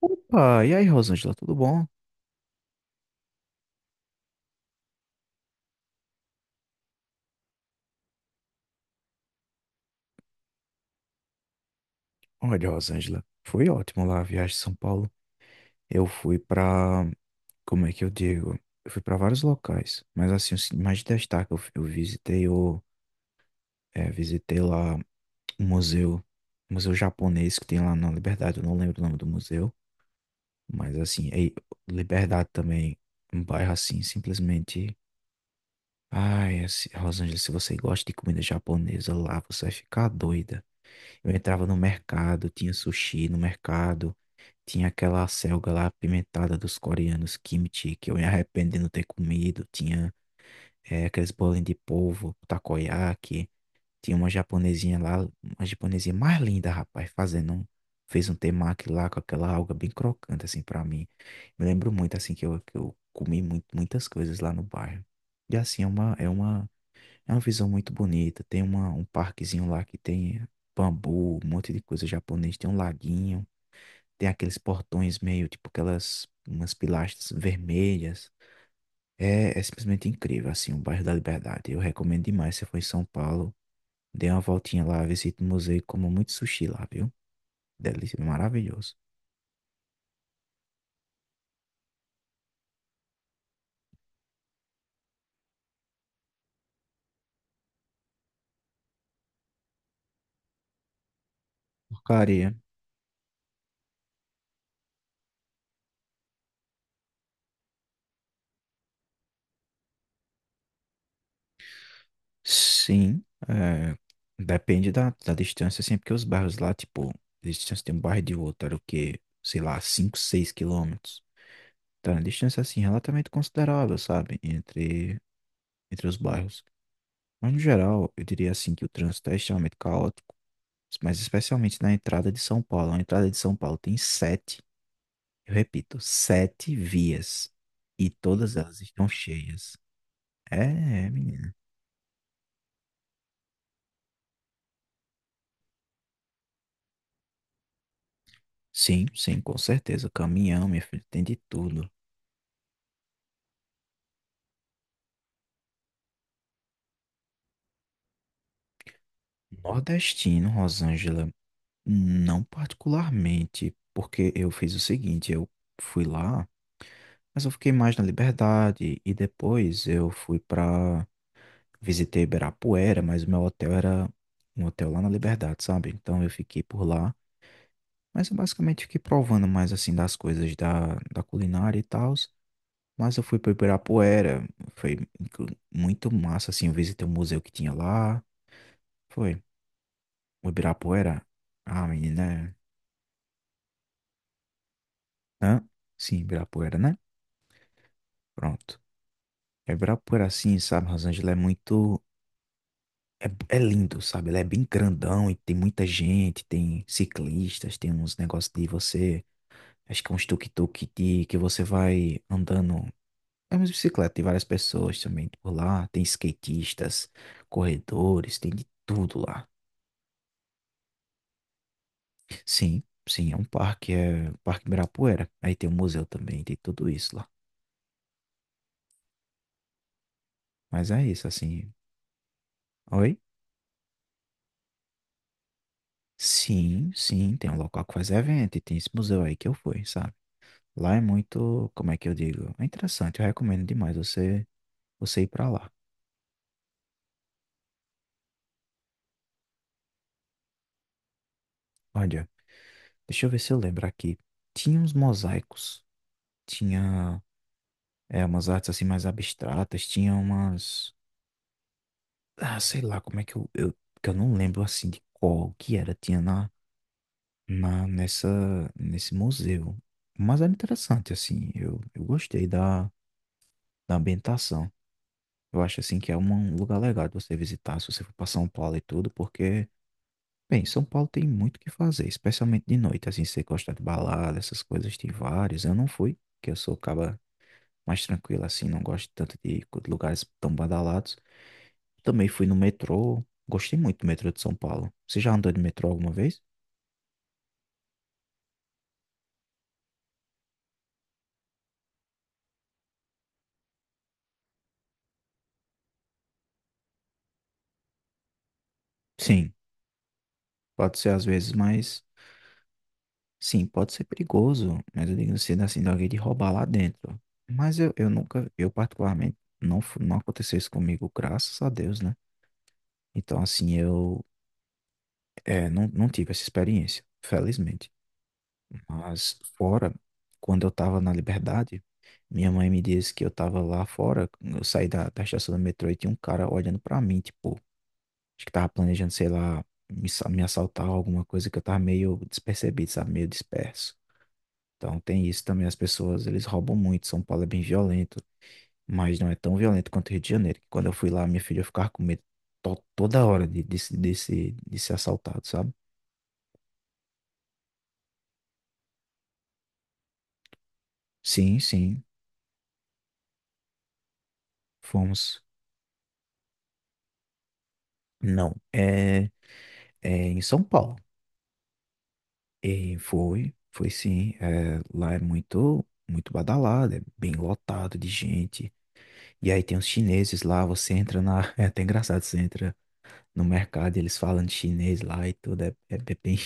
Opa, e aí, Rosângela, tudo bom? Olha, Rosângela, foi ótimo lá a viagem de São Paulo. Eu fui pra, Como é que eu digo? Eu fui pra vários locais, mas assim, os que mais destaque, eu visitei visitei lá um museu, um museu japonês que tem lá na Liberdade, eu não lembro o nome do museu, mas assim, aí, Liberdade também, um bairro assim, simplesmente, ai, assim, Rosângela, se você gosta de comida japonesa lá, você vai ficar doida. Eu entrava no mercado, tinha sushi no mercado, tinha aquela selga lá apimentada dos coreanos, kimchi, que eu me arrependo de não ter comido, tinha aqueles bolinhos de polvo, takoyaki, tinha uma japonesinha lá, uma japonesinha mais linda, rapaz, fez um temaki lá com aquela alga bem crocante, assim, pra mim. Me lembro muito, assim, que eu comi muito, muitas coisas lá no bairro. E assim, é uma visão muito bonita. Um parquezinho lá que tem bambu, um monte de coisa japonês. Tem um laguinho, tem aqueles portões meio tipo aquelas umas pilastras vermelhas. É, é simplesmente incrível, assim, o bairro da Liberdade. Eu recomendo demais. Se você for em São Paulo, dê uma voltinha lá, visite o museu e coma muito sushi lá, viu? Delícia, é maravilhoso. Porcaria. Sim, é, depende da distância, assim, porque os bairros lá, tipo, a distância de um bairro e de outro era o quê? Sei lá, 5, 6 quilômetros. Tá uma distância, assim, relativamente considerável, sabe? Entre os bairros. Mas, no geral, eu diria, assim, que o trânsito é extremamente caótico, mas especialmente na entrada de São Paulo. A entrada de São Paulo tem sete, eu repito, sete vias. E todas elas estão cheias. É, é, menina. Sim, sim, com certeza. Caminhão, minha filha, tem de tudo. Nordestino, Rosângela. Não particularmente, porque eu fiz o seguinte, eu fui lá, mas eu fiquei mais na Liberdade e depois eu fui para visitei Ibirapuera, mas o meu hotel era um hotel lá na Liberdade, sabe? Então eu fiquei por lá, mas eu basicamente fiquei provando mais assim das coisas da culinária e tal. Mas eu fui para Ibirapuera, foi muito massa assim, eu visitei o museu que tinha lá, foi o Ibirapuera. Ah, menina, hã? Sim, Ibirapuera, né? Pronto. É por assim, sabe? Rosângela é muito. É, é lindo, sabe? Ela é bem grandão e tem muita gente, tem ciclistas, tem uns negócios de você. Acho que é uns tuk-tuk de que você vai andando. É uma bicicleta, tem várias pessoas também por lá. Tem skatistas, corredores, tem de tudo lá. Sim, sim, é um parque, é o Parque Ibirapuera. Aí tem o museu também, tem tudo isso lá. Mas é isso, assim. Oi? Sim, sim, tem um local que faz evento e tem esse museu aí que eu fui, sabe? Lá é muito, como é que eu digo? É interessante, eu recomendo demais você, você ir pra lá. Olha, deixa eu ver se eu lembro aqui. Tinha uns mosaicos, tinha umas artes assim mais abstratas, tinha umas, ah, sei lá, como é que que eu não lembro assim de qual que era, tinha na, na nessa nesse museu. Mas era interessante assim, eu gostei da ambientação. Eu acho assim que é um lugar legal de você visitar se você for para São Paulo e tudo, porque, bem, São Paulo tem muito o que fazer, especialmente de noite, assim, se você gosta de balada, essas coisas, tem vários. Eu não fui, porque eu sou caba mais tranquilo assim, não gosto tanto de lugares tão badalados. Também fui no metrô, gostei muito do metrô de São Paulo. Você já andou de metrô alguma vez? Sim, pode ser às vezes, mas sim, pode ser perigoso, mas eu digo assim, assim, de alguém de roubar lá dentro. Mas eu particularmente, não aconteceu isso comigo, graças a Deus, né? Então, assim, eu é, não tive essa experiência, felizmente. Mas fora, quando eu tava na Liberdade, minha mãe me disse que eu tava lá fora, eu saí da estação do metrô e tinha um cara olhando pra mim, tipo, acho que tava planejando, sei lá, me assaltar ou alguma coisa que eu tava meio despercebido, sabe? Meio disperso. Então tem isso também, as pessoas, eles roubam muito. São Paulo é bem violento, mas não é tão violento quanto o Rio de Janeiro. Que Quando eu fui lá, minha filha ficava com medo toda hora de, se- de, se- de ser assaltado, sabe? Sim, sim, fomos. Não, é, é em São Paulo. E foi, foi sim. É, lá é muito, muito badalado, é bem lotado de gente. E aí tem os chineses lá, você entra na... É até engraçado, você entra no mercado e eles falam de chinês lá e tudo, é, é bem...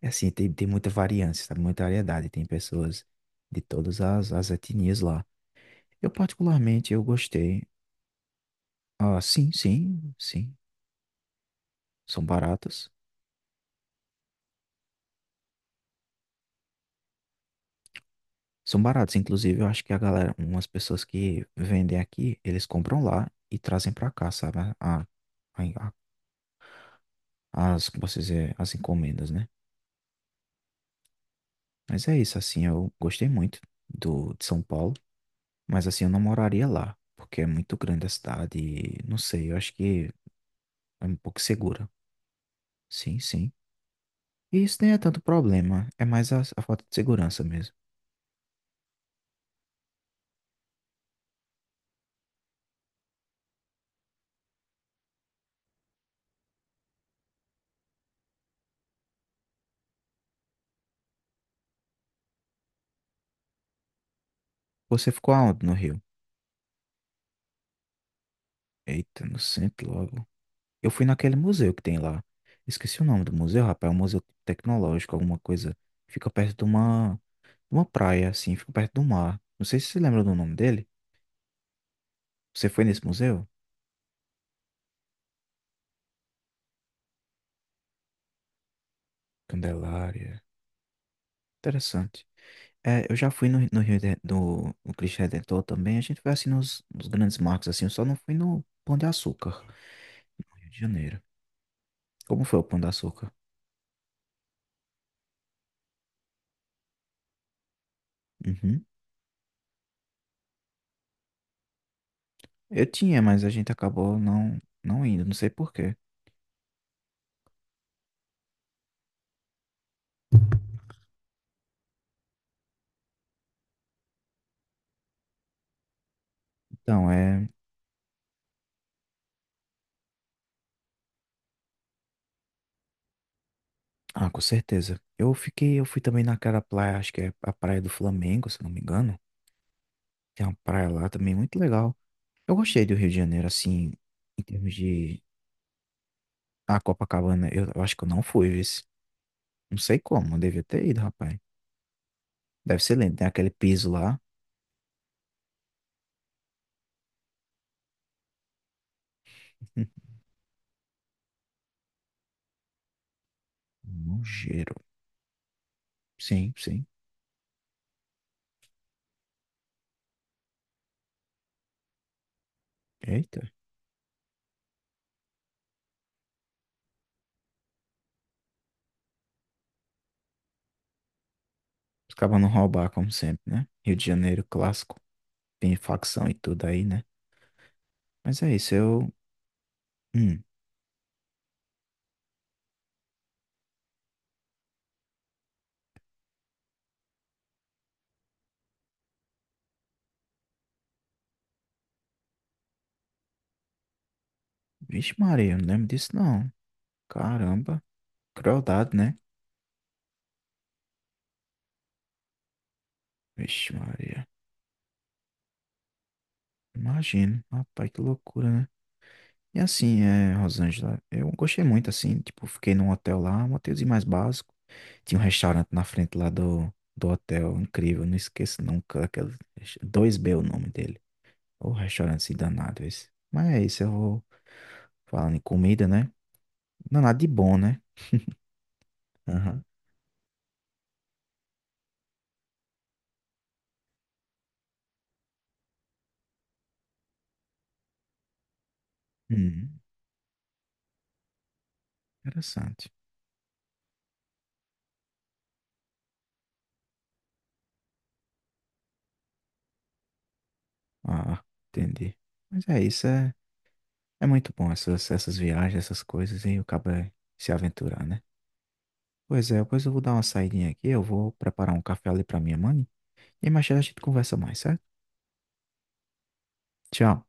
É assim, tem, tem muita variância, sabe? Muita variedade. Tem pessoas de todas as etnias lá. Eu, particularmente, eu gostei. Ah, sim, sim, sim. São baratos. São baratos. Inclusive, eu acho que a galera, umas pessoas que vendem aqui, eles compram lá e trazem pra cá, sabe? A, a- As, como posso dizer, as encomendas, né? Mas é isso, assim, eu gostei muito de São Paulo. Mas, assim, eu não moraria lá, porque é muito grande a cidade. Não sei, eu acho que é um pouco segura. Sim, sim. E isso nem é tanto problema, é mais a falta de segurança mesmo. Você ficou aonde no Rio? Eita, no centro logo. Eu fui naquele museu que tem lá. Esqueci o nome do museu, rapaz. É um museu tecnológico, alguma coisa. Fica perto de uma praia, assim, fica perto do mar. Não sei se você lembra do nome dele. Você foi nesse museu? Candelária. Interessante. É, eu já fui no Cristo Redentor também. A gente foi assim nos grandes marcos, assim. Eu só não fui no Pão de Açúcar, no Rio de Janeiro. Como foi o Pão de Açúcar? Uhum. Eu tinha, mas a gente acabou não indo, não sei por quê. Então, é. Ah, com certeza. Eu fiquei, eu fui também naquela praia, acho que é a Praia do Flamengo, se não me engano. Tem uma praia lá também muito legal. Eu gostei do Rio de Janeiro, assim, em termos de. A Copacabana, eu acho que eu não fui, esse. Não sei como, eu devia ter ido, rapaz. Deve ser lindo, tem aquele piso lá. Nojeiro. Sim, sim. Eita. Os cabas não roubar, como sempre, né? Rio de Janeiro clássico. Tem facção e tudo aí, né? Mas é isso, eu hum. Vixe, Maria, eu não lembro disso não. Caramba, crueldade, né? Vixe, Maria. Imagino. Rapaz, que loucura, né? E assim, é, Rosângela, eu gostei muito, assim, tipo, fiquei num hotel lá, um hotelzinho mais básico. Tinha um restaurante na frente lá do hotel, incrível, não esqueço nunca, aquele, 2B é o nome dele. O restaurante assim, danado esse. Mas é isso, eu vou falando em comida, né? Não, nada de bom, né? Aham. Hum, interessante. Ah, entendi. Mas é isso, é. É muito bom essas viagens, essas coisas, e acaba se aventurar, né? Pois é, pois eu vou dar uma saidinha aqui, eu vou preparar um café ali pra minha mãe, e mais tarde a gente conversa mais, certo? Tchau.